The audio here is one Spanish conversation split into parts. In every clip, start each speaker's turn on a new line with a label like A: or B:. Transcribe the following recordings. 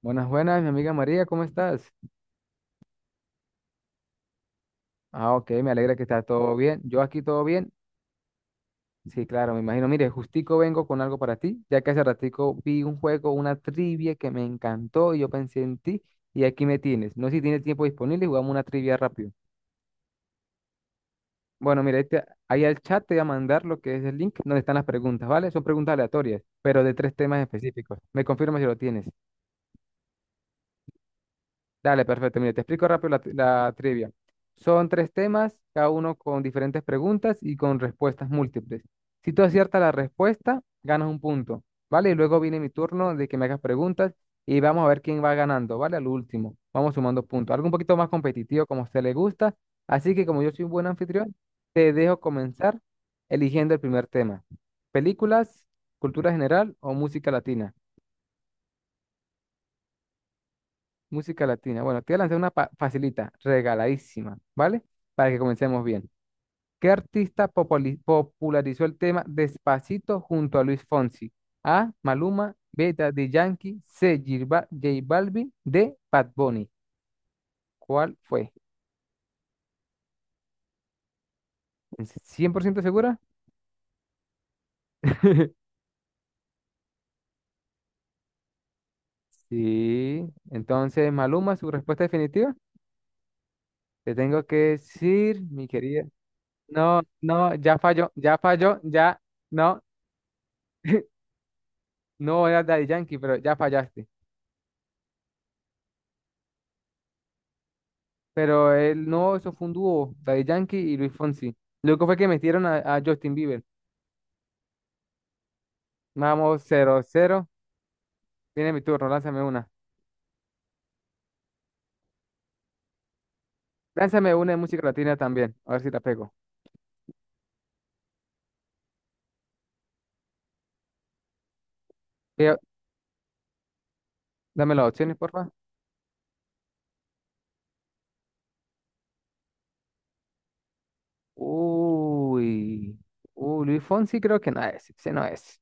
A: Buenas, buenas, mi amiga María, ¿cómo estás? Ok, me alegra que estás todo bien. Yo aquí todo bien. Sí, claro, me imagino. Mire, justico vengo con algo para ti, ya que hace ratico vi un juego, una trivia que me encantó y yo pensé en ti y aquí me tienes. No sé si tienes tiempo disponible, y jugamos una trivia rápido. Bueno, mira, ahí al chat te voy a mandar lo que es el link donde están las preguntas, ¿vale? Son preguntas aleatorias, pero de tres temas específicos. Me confirma si lo tienes. Dale, perfecto. Mire, te explico rápido la trivia. Son tres temas, cada uno con diferentes preguntas y con respuestas múltiples. Si tú aciertas la respuesta, ganas un punto, ¿vale? Y luego viene mi turno de que me hagas preguntas y vamos a ver quién va ganando, ¿vale? Al último, vamos sumando puntos. Algo un poquito más competitivo como a usted le gusta. Así que como yo soy un buen anfitrión, te dejo comenzar eligiendo el primer tema. ¿Películas, cultura general o música latina? Música latina. Bueno, te voy a lanzar facilita, regaladísima, ¿vale? Para que comencemos bien. ¿Qué artista popularizó el tema Despacito junto a Luis Fonsi? A. Maluma, B. Daddy Yankee, C. J Balvin, D. Bad Bunny. ¿Cuál fue? ¿Cien por ciento segura? Sí. Entonces, Maluma, su respuesta definitiva. Te tengo que decir, mi querida. No, no, ya falló, ya falló, ya. No, no era Daddy Yankee, pero ya fallaste. Pero él no, eso fue un dúo, Daddy Yankee y Luis Fonsi. Luego fue que metieron a Justin Bieber. Vamos, cero cero. Tiene mi turno, lánzame una. Lánzame una de música latina también, a ver si la pego. Eh, dame las opciones, porfa. Uy, uy, Luis Fonsi creo que no es, ese no es.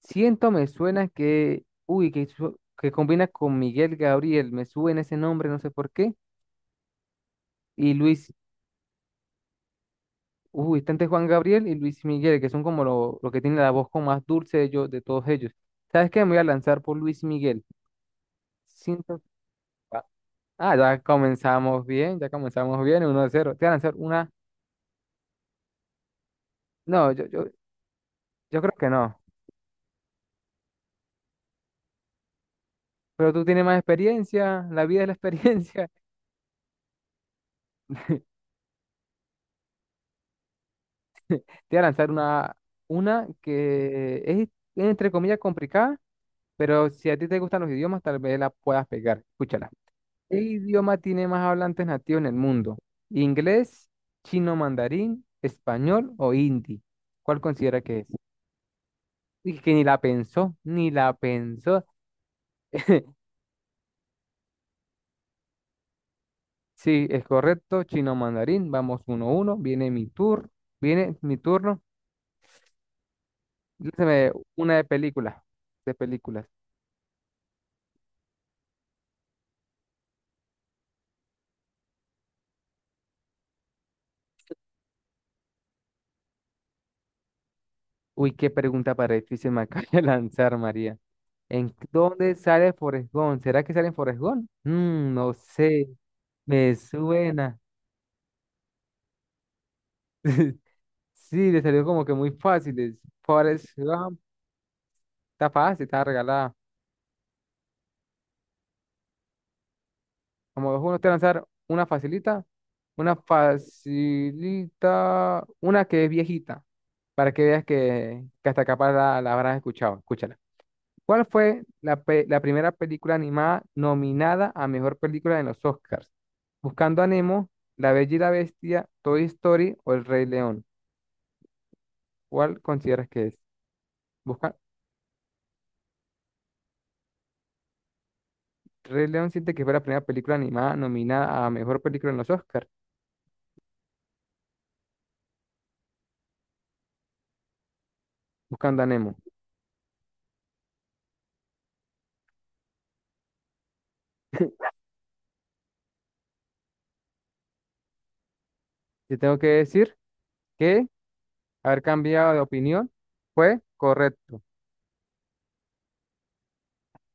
A: Siento me suena que, uy, que, que combina con Miguel Gabriel, me suena ese nombre, no sé por qué. Y Luis. Uy, está entre Juan Gabriel y Luis Miguel, que son como los lo que tienen la voz como más dulce de, ellos, de todos ellos. ¿Sabes qué? Me voy a lanzar por Luis Miguel. Siento... Ah, ah, ya comenzamos bien, 1 cero. Te voy a lanzar una... No, yo creo que no. Pero tú tienes más experiencia, la vida es la experiencia. Te voy a lanzar una, una que es entre comillas, complicada, pero si a ti te gustan los idiomas, tal vez la puedas pegar. Escúchala. ¿Qué idioma tiene más hablantes nativos en el mundo? ¿Inglés, chino mandarín, español o hindi? ¿Cuál considera que es? Y que ni la pensó, ni la pensó. Sí, es correcto, chino mandarín. Vamos uno a uno. Viene mi turno. Lánzame una de películas, de películas. Uy, qué pregunta para difícil me acaba de lanzar, María. ¿En dónde sale Forrest Gump? ¿Será que sale en Forrest Gump? Mm, no sé, me suena. Sí, le salió como que muy fáciles. Forrest Gump, está fácil, está regalada. Como dos, uno, te voy a lanzar una facilita, una facilita, una que es viejita, para que veas que hasta capaz la habrás escuchado. Escúchala. ¿Cuál fue la primera película animada nominada a mejor película en los Oscars? Buscando a Nemo, La Bella y la Bestia, Toy Story o El Rey León. ¿Cuál consideras que es? Rey León siente que fue la primera película animada nominada a mejor película en los Oscars, Buscando a Nemo. Te tengo que decir que haber cambiado de opinión fue correcto.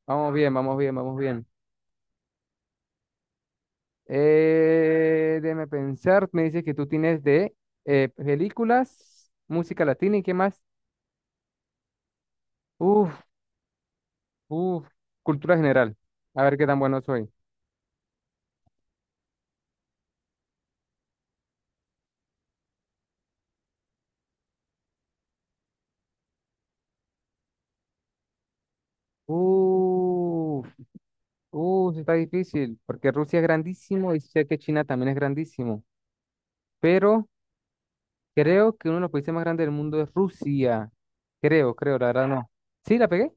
A: Vamos bien, vamos bien, vamos bien. Déjame pensar, me dice que tú tienes de películas, música latina y qué más. Uf, uf, cultura general. A ver qué tan bueno soy. Uf, uf, está difícil, porque Rusia es grandísimo y sé que China también es grandísimo, pero... Creo que uno de los países más grandes del mundo es Rusia. Creo, creo, la verdad no. ¿Sí la pegué?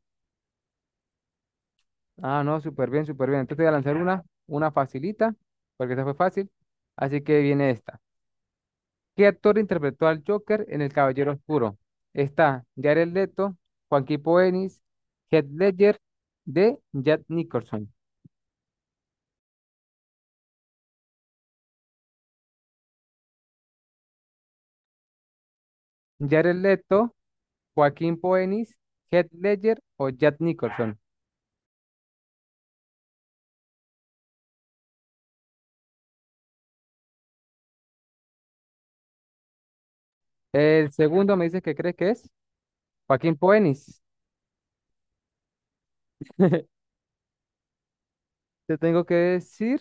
A: Ah, no, súper bien, súper bien. Entonces te voy a lanzar una facilita, porque esta fue fácil. Así que viene esta. ¿Qué actor interpretó al Joker en El Caballero Oscuro? Está Jared Leto, Joaquín Phoenix, Heath Ledger de Jack Nicholson. Jared Leto, Joaquín Phoenix, Heath Ledger o Jack Nicholson. El segundo me dice que crees que es Joaquín Phoenix. Te tengo que decir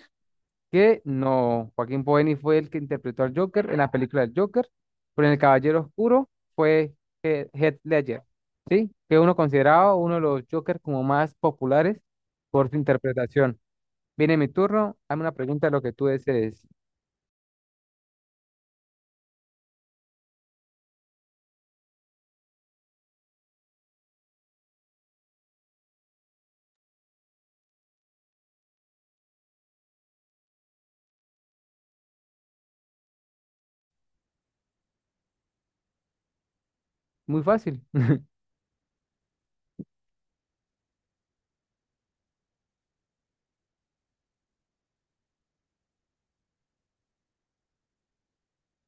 A: que no, Joaquín Phoenix fue el que interpretó al Joker en la película del Joker, pero en El Caballero Oscuro fue Heath Ledger, ¿sí? Que uno considerado uno de los Jokers como más populares por su interpretación. Viene mi turno, hazme una pregunta de lo que tú desees. Muy fácil.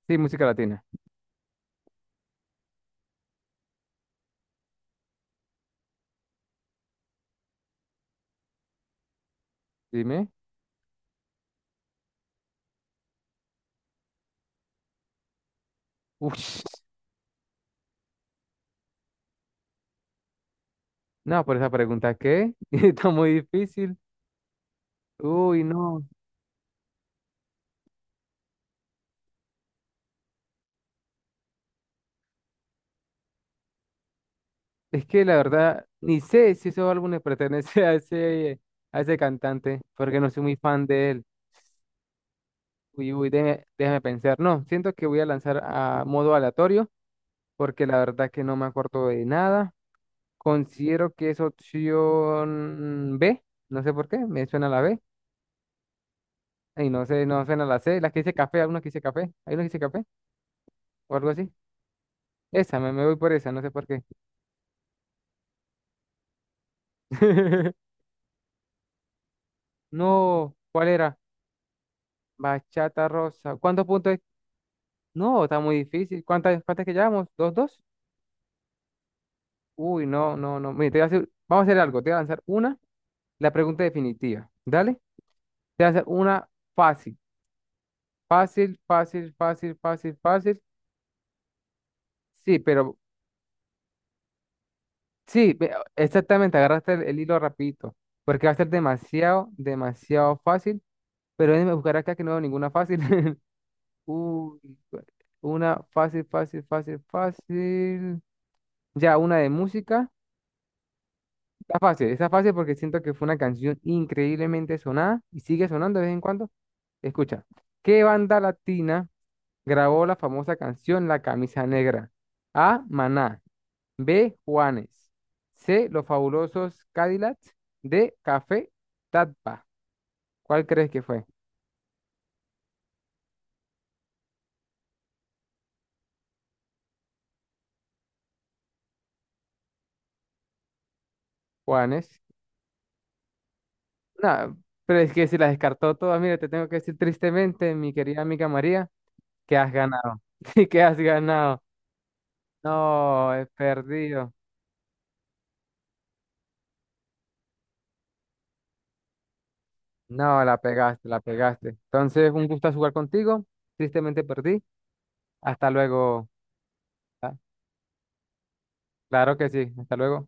A: Sí, música latina. Dime. Uy, no, por esa pregunta, ¿qué? Está muy difícil. Uy, no. Es que la verdad, ni sé si esos álbumes pertenecen a ese cantante, porque no soy muy fan de él. Uy, uy, déjame pensar. No, siento que voy a lanzar a modo aleatorio porque la verdad que no me acuerdo de nada. Considero que es opción B. No sé por qué, me suena la B. Y no sé, no suena la C. La que dice café, alguna que dice café. Hay una que dice café o algo así. Esa, me voy por esa, no sé por qué. No, ¿cuál era? Bachata rosa. ¿Cuántos puntos es? No, está muy difícil. ¿Cuántas, cuántas que llevamos? ¿Dos, dos? Uy, no, no, no. Mire, te voy a hacer- vamos a hacer algo. Te voy a lanzar una, la pregunta definitiva. Dale. Te voy a hacer una fácil, fácil, fácil, fácil, fácil, fácil. Sí, pero sí, ve- exactamente, agarraste el hilo rapidito, porque va a ser demasiado, demasiado fácil, pero déjame buscar acá que no veo ninguna fácil. Uy, una fácil, fácil, fácil, fácil. Ya, una de música. Está fácil porque siento que fue una canción increíblemente sonada y sigue sonando de vez en cuando. Escucha, ¿qué banda latina grabó la famosa canción La Camisa Negra? A. Maná. B. Juanes. C. Los Fabulosos Cadillacs. D. Café Tatpa. ¿Cuál crees que fue? Juanes. No, pero es que si la descartó todas, mira, te tengo que decir tristemente, mi querida amiga María, que has ganado. Sí, que has ganado. No, he perdido. No, la pegaste, la pegaste. Entonces, un gusto jugar contigo. Tristemente perdí. Hasta luego. Ah, claro que sí. Hasta luego.